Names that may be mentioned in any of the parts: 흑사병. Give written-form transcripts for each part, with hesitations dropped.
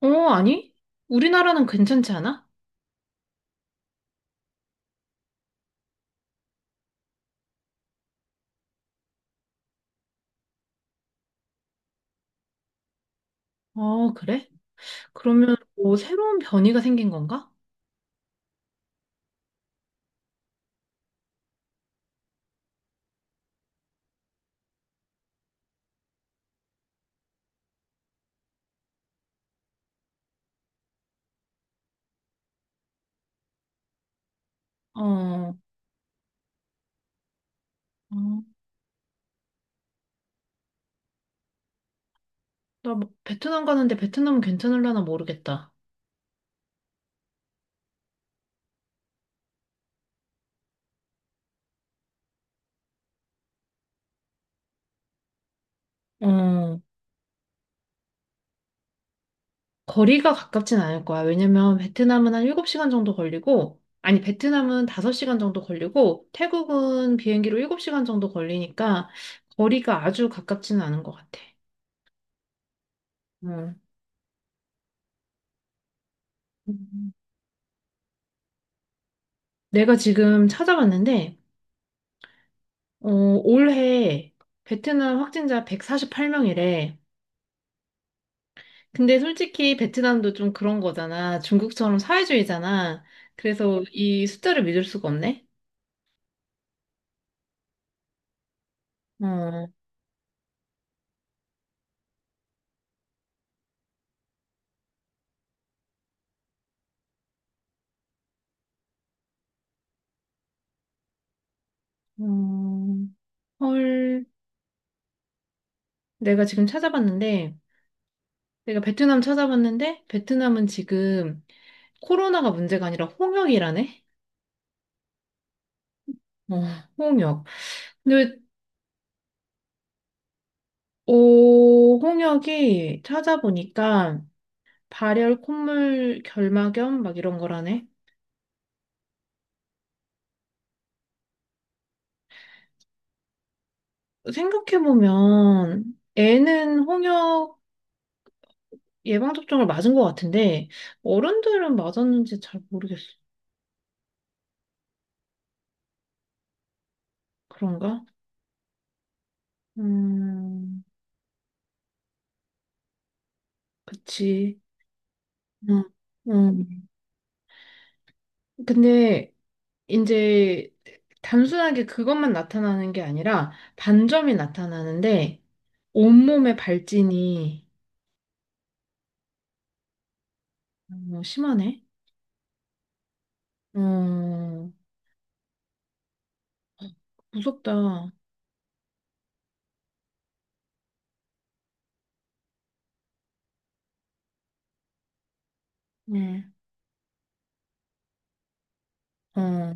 어, 아니? 우리나라는 괜찮지 않아? 어, 그래? 그러면 뭐 새로운 변이가 생긴 건가? 어, 어, 나뭐 베트남 가는데 베트남은 괜찮을라나 모르겠다. 어, 거리가 가깝진 않을 거야. 왜냐면 베트남은 한 7시간 정도 걸리고, 아니, 베트남은 5시간 정도 걸리고, 태국은 비행기로 7시간 정도 걸리니까 거리가 아주 가깝지는 않은 것 같아. 어. 내가 지금 찾아봤는데, 어, 올해 베트남 확진자 148명이래. 근데 솔직히 베트남도 좀 그런 거잖아. 중국처럼 사회주의잖아. 그래서 이 숫자를 믿을 수가 없네. 어, 음, 헐. 내가 지금 찾아봤는데, 내가 베트남 찾아봤는데, 베트남은 지금 코로나가 문제가 아니라 홍역이라네? 어, 홍역. 근데, 오, 홍역이 찾아보니까 발열, 콧물, 결막염, 막 이런 거라네. 생각해보면 애는 홍역 예방접종을 맞은 것 같은데 어른들은 맞았는지 잘 모르겠어. 그런가? 음, 그치. 응, 응. 근데 이제 단순하게 그것만 나타나는 게 아니라 반점이 나타나는데 온몸에 발진이 너무 심하네. 어, 무섭다. 응. 어,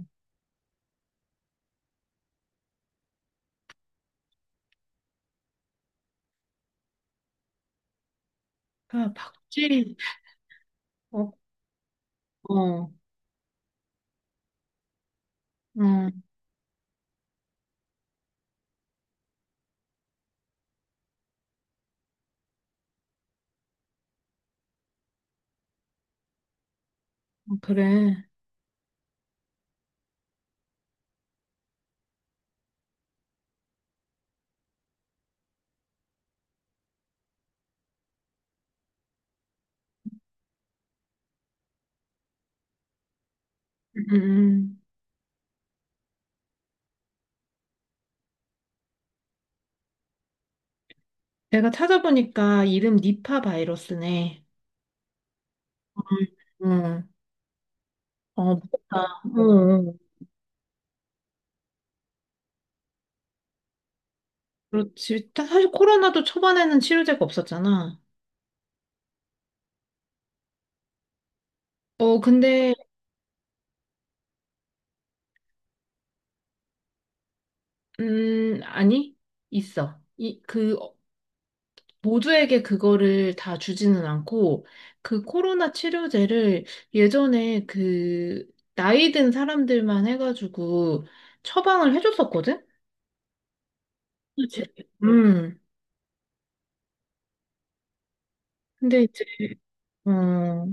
아, 박쥐. 어, 어. 어. 어, 그래. 음, 음, 음. 내가 찾아보니까 이름 니파 바이러스네. 응. 어, 무섭다. 어, 어. 그렇지. 사실 코로나도 초반에는 치료제가 없었잖아. 어, 근데, 아니, 있어. 이, 그, 어, 모두에게 그거를 다 주지는 않고, 그 코로나 치료제를 예전에 그, 나이 든 사람들만 해가지고 처방을 해줬었거든? 그치. 음. 근데 이제, 어,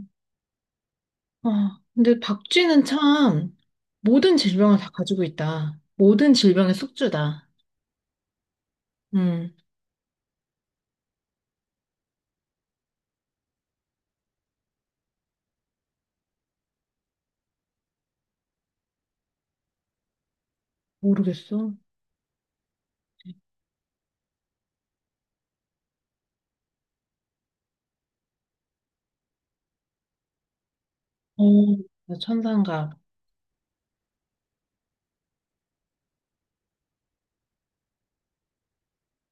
아, 근데 박쥐는 참 모든 질병을 다 가지고 있다. 모든 질병의 숙주다. 음, 모르겠어. 어, 천상갑.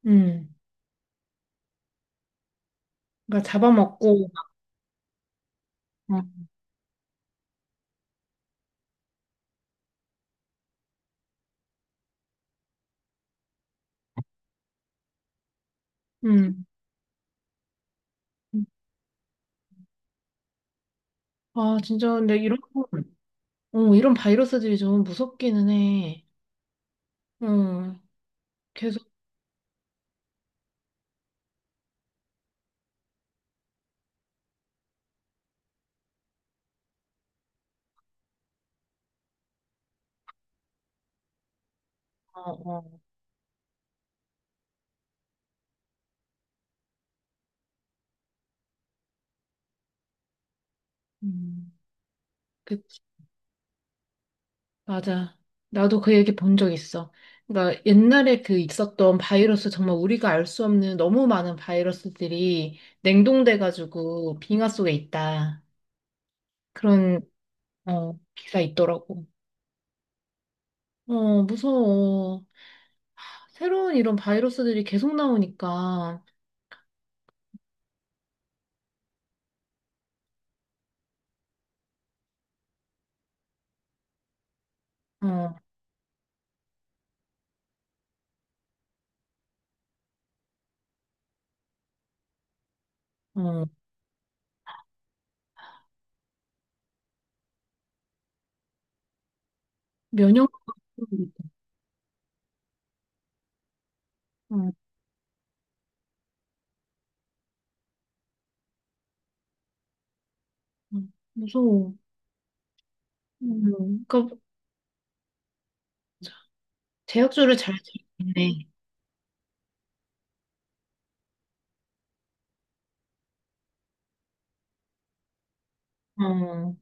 음, 그러니까 잡아먹고. 어, 음. 아, 진짜 근데 이런, 어, 이런 바이러스들이 좀 무섭기는 해. 어, 계속, 어, 어. 음, 맞아. 나도 그 얘기 본 적 있어. 그러니까 옛날에 그 있었던 바이러스 정말 우리가 알 수 없는 너무 많은 바이러스들이 냉동돼가지고 빙하 속에 있다. 그런 어, 기사 있더라고. 어, 무서워. 새로운 이런 바이러스들이 계속 나오니까 어, 어, 면역 어, 어, 무서워. 그러니까 제약주를 잘 지키네. 어,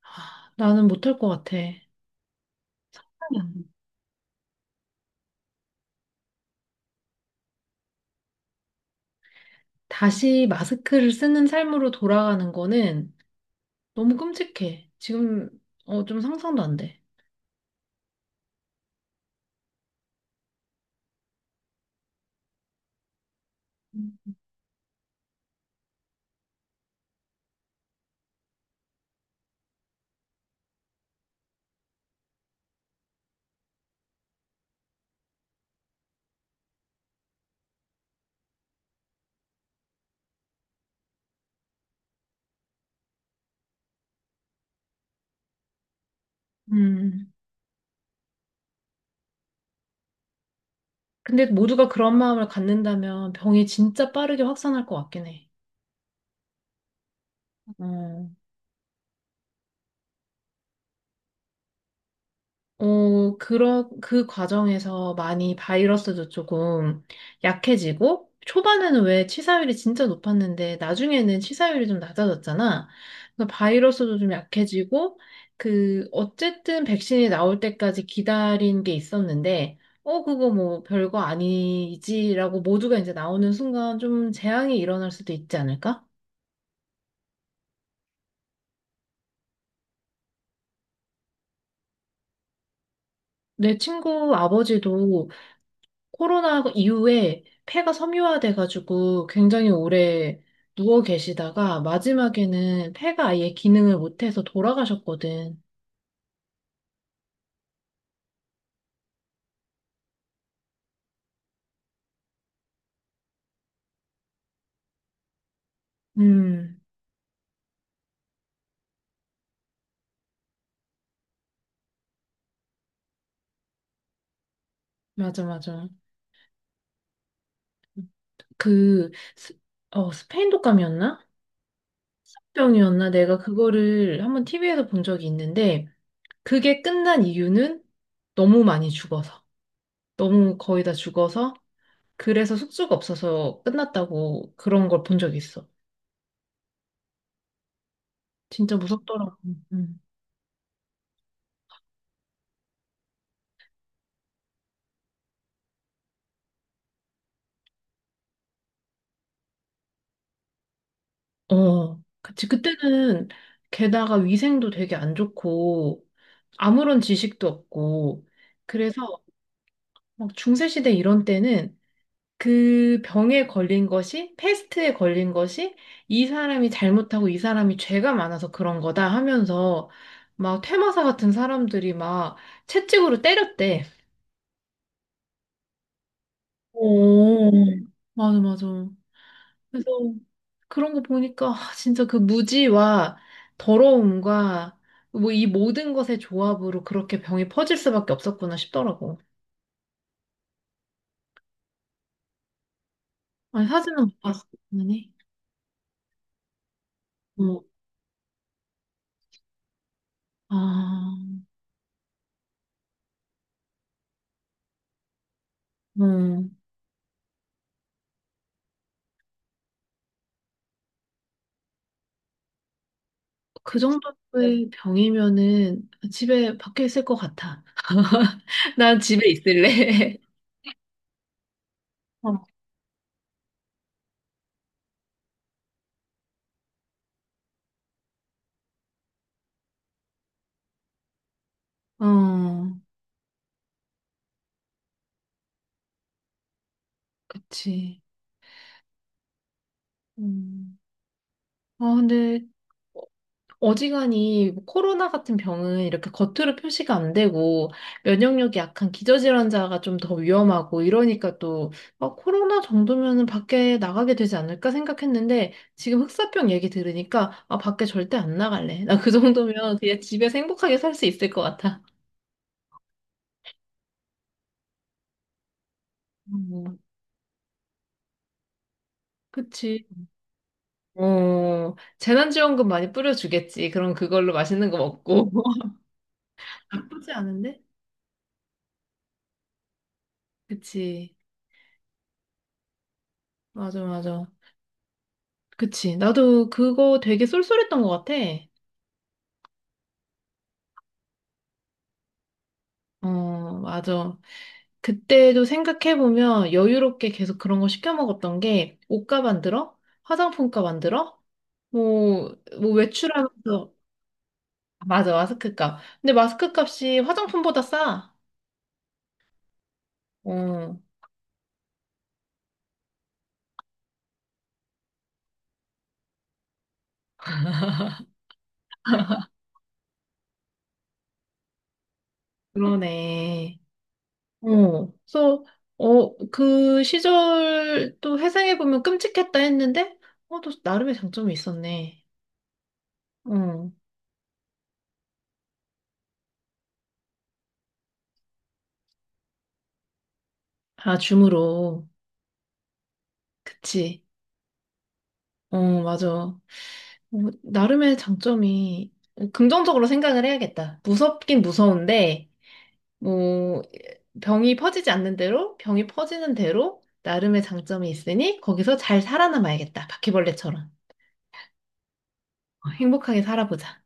하, 나는 못할 것 같아. 다시 마스크를 쓰는 삶으로 돌아가는 거는 너무 끔찍해. 지금 어, 좀 상상도 안 돼. 음. 근데 모두가 그런 마음을 갖는다면 병이 진짜 빠르게 확산할 것 같긴 해. 어. 어, 그런 그 과정에서 많이 바이러스도 조금 약해지고, 초반에는 왜 치사율이 진짜 높았는데, 나중에는 치사율이 좀 낮아졌잖아. 그 바이러스도 좀 약해지고, 그, 어쨌든 백신이 나올 때까지 기다린 게 있었는데, 어, 그거 뭐 별거 아니지라고 모두가 이제 나오는 순간 좀 재앙이 일어날 수도 있지 않을까? 내 친구 아버지도 코로나 이후에 폐가 섬유화돼가지고 굉장히 오래 누워 계시다가 마지막에는 폐가 아예 기능을 못해서 돌아가셨거든. 음, 맞아, 맞아. 그, 스, 어, 스페인 독감이었나? 병이었나? 내가 그거를 한번 TV에서 본 적이 있는데, 그게 끝난 이유는 너무 많이 죽어서. 너무 거의 다 죽어서. 그래서 숙소가 없어서 끝났다고 그런 걸 본 적이 있어. 진짜 무섭더라고. 음. 어, 그치. 그때는 게다가 위생도 되게 안 좋고 아무런 지식도 없고 그래서 막 중세시대 이런 때는 그 병에 걸린 것이 패스트에 걸린 것이 이 사람이 잘못하고 이 사람이 죄가 많아서 그런 거다 하면서 막 퇴마사 같은 사람들이 막 채찍으로 때렸대. 오, 맞아, 맞아. 그래서 그런 거 보니까 아, 진짜 그 무지와 더러움과 뭐 이 모든 것의 조합으로 그렇게 병이 퍼질 수밖에 없었구나 싶더라고. 아니, 사진은 못 봤어, 당연히. 어, 아, 어, 그 정도의 병이면은 집에 밖에 있을 것 같아. 난 집에 있을래. 어, 어, 그치. 음. 아, 근데 어지간히 뭐 코로나 같은 병은 이렇게 겉으로 표시가 안 되고 면역력이 약한 기저질환자가 좀 더 위험하고 이러니까 또 아, 코로나 정도면은 밖에 나가게 되지 않을까 생각했는데 지금 흑사병 얘기 들으니까 아, 밖에 절대 안 나갈래. 나 그 정도면 그냥 집에서 행복하게 살 수 있을 것 같아. 음, 그치. 어, 재난지원금 많이 뿌려주겠지. 그럼 그걸로 맛있는 거 먹고. 나쁘지 않은데? 그치. 맞아, 맞아. 그치. 나도 그거 되게 쏠쏠했던 것 같아. 어, 맞아. 그때도 생각해보면 여유롭게 계속 그런 거 시켜 먹었던 게 옷값 안 들어? 화장품값 안 들어? 뭐, 뭐 외출하면서. 아, 맞아, 마스크값. 근데 마스크값이 화장품보다 싸. 어, 그러네. 어, 그래서, 어, 그 시절 또 회상해보면 끔찍했다 했는데, 어, 또 나름의 장점이 있었네. 어, 아, 줌으로. 그치. 어, 맞아. 어, 나름의 장점이 어, 긍정적으로 생각을 해야겠다. 무섭긴 무서운데, 뭐, 병이 퍼지지 않는 대로, 병이 퍼지는 대로 나름의 장점이 있으니 거기서 잘 살아남아야겠다. 바퀴벌레처럼. 어, 행복하게 살아보자.